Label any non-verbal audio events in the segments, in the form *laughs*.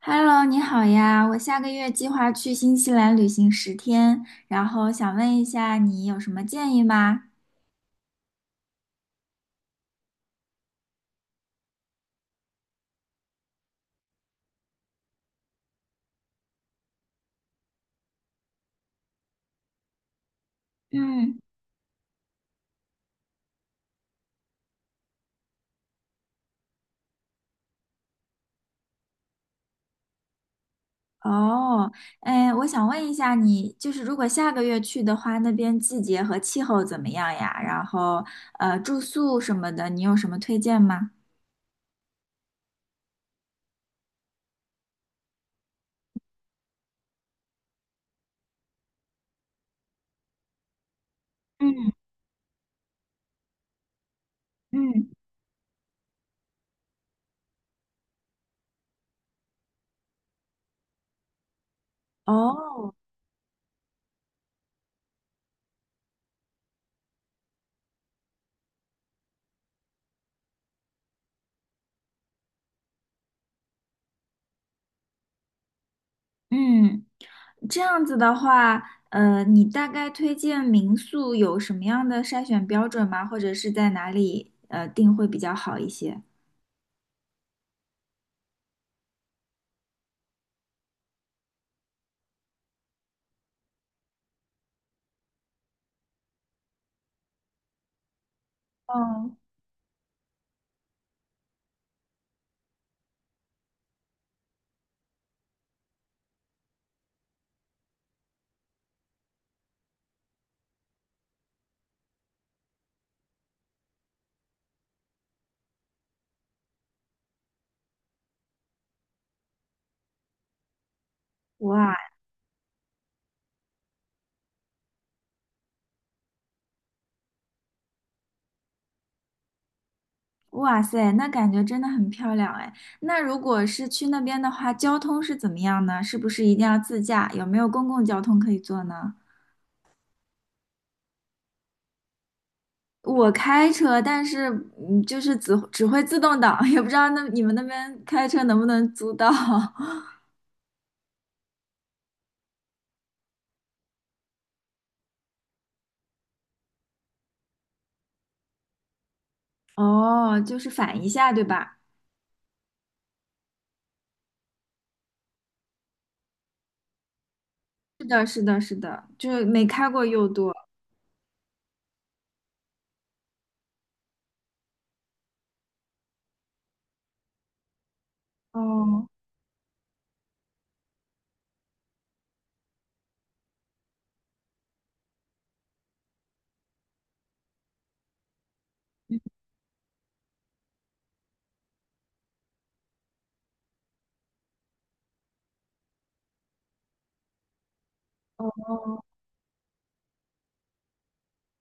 Hello，你好呀！我下个月计划去新西兰旅行10天，然后想问一下你有什么建议吗？嗯，哦，哎，我想问一下你，就是如果下个月去的话，那边季节和气候怎么样呀？然后，住宿什么的，你有什么推荐吗？嗯嗯，哦，嗯，这样子的话，你大概推荐民宿有什么样的筛选标准吗？或者是在哪里订会比较好一些？哦，哇哇塞，那感觉真的很漂亮哎。那如果是去那边的话，交通是怎么样呢？是不是一定要自驾？有没有公共交通可以坐呢？我开车，但是就是只会自动挡，*laughs* 也不知道那你们那边开车能不能租到。*laughs* 哦，就是反一下，对吧？是的，是的，是的，就是没开过又多。哦，哦，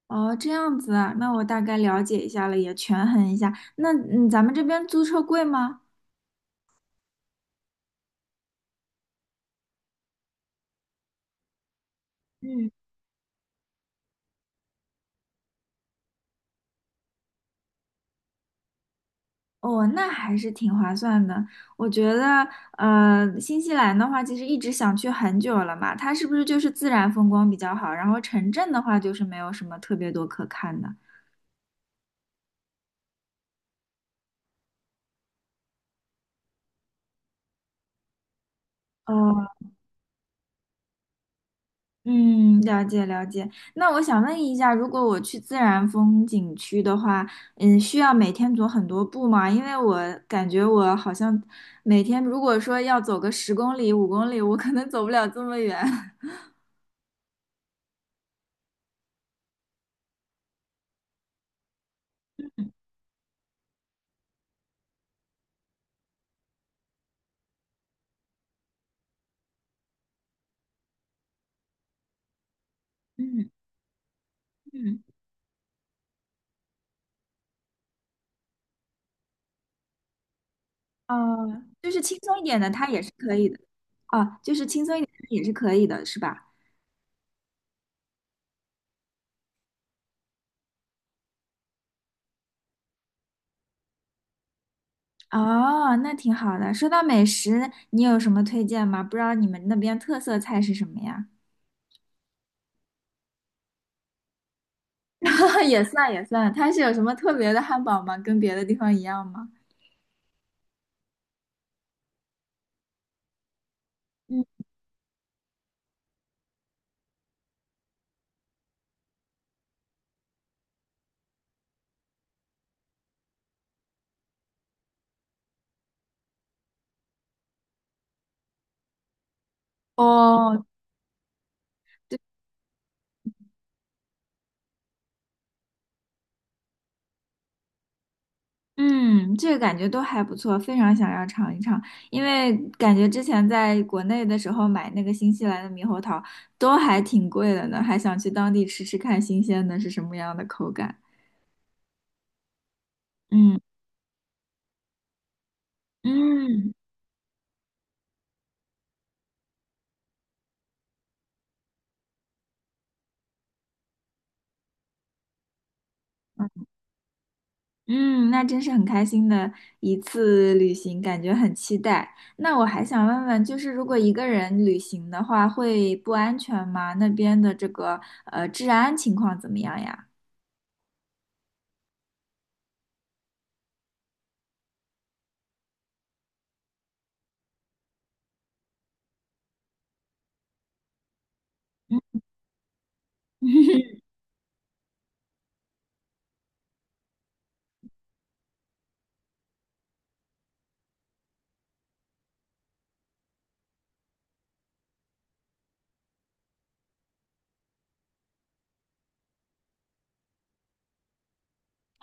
哦，这样子啊，那我大概了解一下了，也权衡一下。那咱们这边租车贵吗？嗯，哦，那还是挺划算的。我觉得，新西兰的话，其实一直想去很久了嘛，它是不是就是自然风光比较好？然后城镇的话，就是没有什么特别多可看的。哦，嗯，了解了解。那我想问一下，如果我去自然风景区的话，需要每天走很多步吗？因为我感觉我好像每天如果说要走个10公里、5公里，我可能走不了这么远。*laughs* 嗯嗯，哦，就是轻松一点的，它也是可以的。哦，就是轻松一点的也是可以的，是吧？哦，那挺好的。说到美食，你有什么推荐吗？不知道你们那边特色菜是什么呀？*laughs* 也算也算，它是有什么特别的汉堡吗？跟别的地方一样吗？嗯，哦，对，嗯，这个感觉都还不错，非常想要尝一尝，因为感觉之前在国内的时候买那个新西兰的猕猴桃都还挺贵的呢，还想去当地吃吃看新鲜的是什么样的口感。嗯嗯。嗯，那真是很开心的一次旅行，感觉很期待。那我还想问问，就是如果一个人旅行的话，会不安全吗？那边的这个治安情况怎么样呀？嗯 *laughs*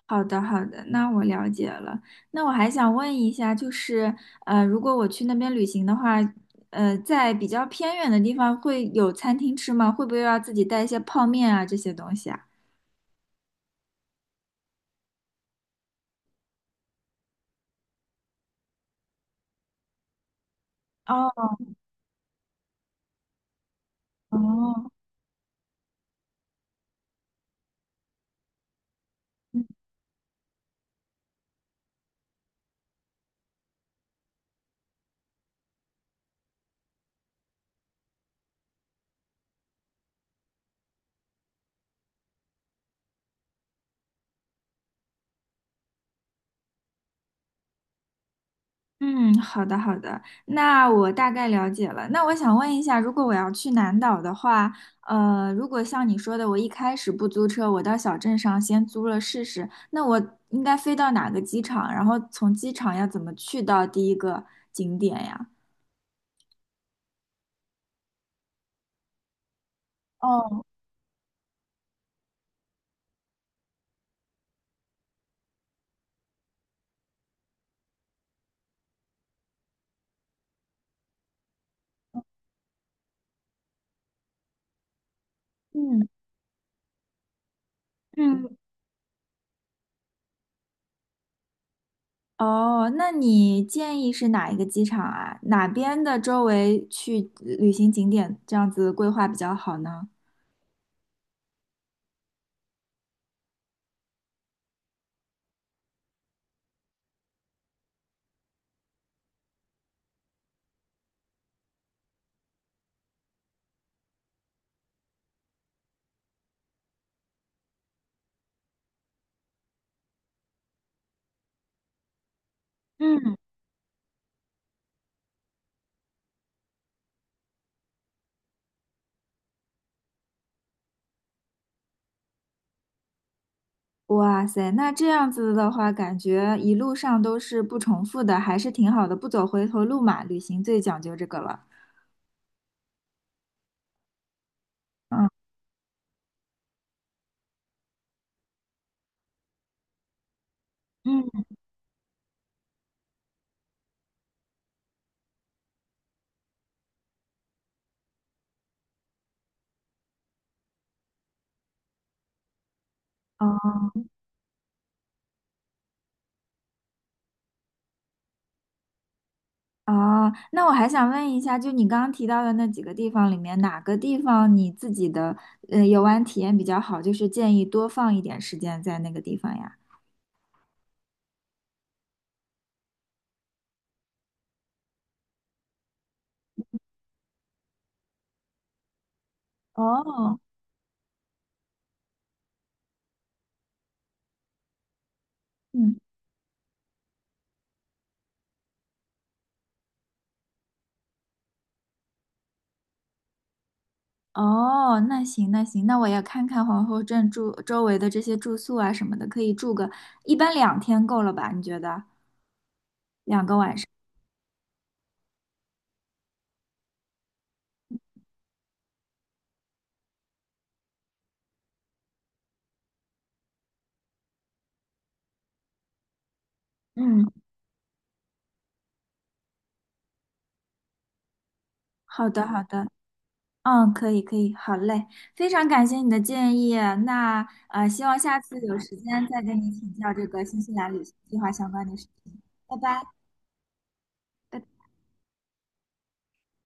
好的，好的，那我了解了。那我还想问一下，就是如果我去那边旅行的话，在比较偏远的地方会有餐厅吃吗？会不会要自己带一些泡面啊这些东西啊？哦哦，嗯，好的好的，那我大概了解了。那我想问一下，如果我要去南岛的话，如果像你说的，我一开始不租车，我到小镇上先租了试试，那我应该飞到哪个机场？然后从机场要怎么去到第一个景点呀？哦，嗯嗯，哦，那你建议是哪一个机场啊？哪边的周围去旅行景点这样子规划比较好呢？嗯。哇塞，那这样子的话，感觉一路上都是不重复的，还是挺好的，不走回头路嘛。旅行最讲究这个了。嗯，嗯，哦，哦，那我还想问一下，就你刚刚提到的那几个地方里面，哪个地方你自己的游玩体验比较好？就是建议多放一点时间在那个地方呀。哦，嗯，哦，那行那行，那我也看看皇后镇住周围的这些住宿啊什么的，可以住个一般2天够了吧？你觉得？嗯。好的，好的，嗯，可以，可以，好嘞，非常感谢你的建议。那希望下次有时间再跟你请教这个新西兰旅行计划相关的事情。拜拜，拜拜。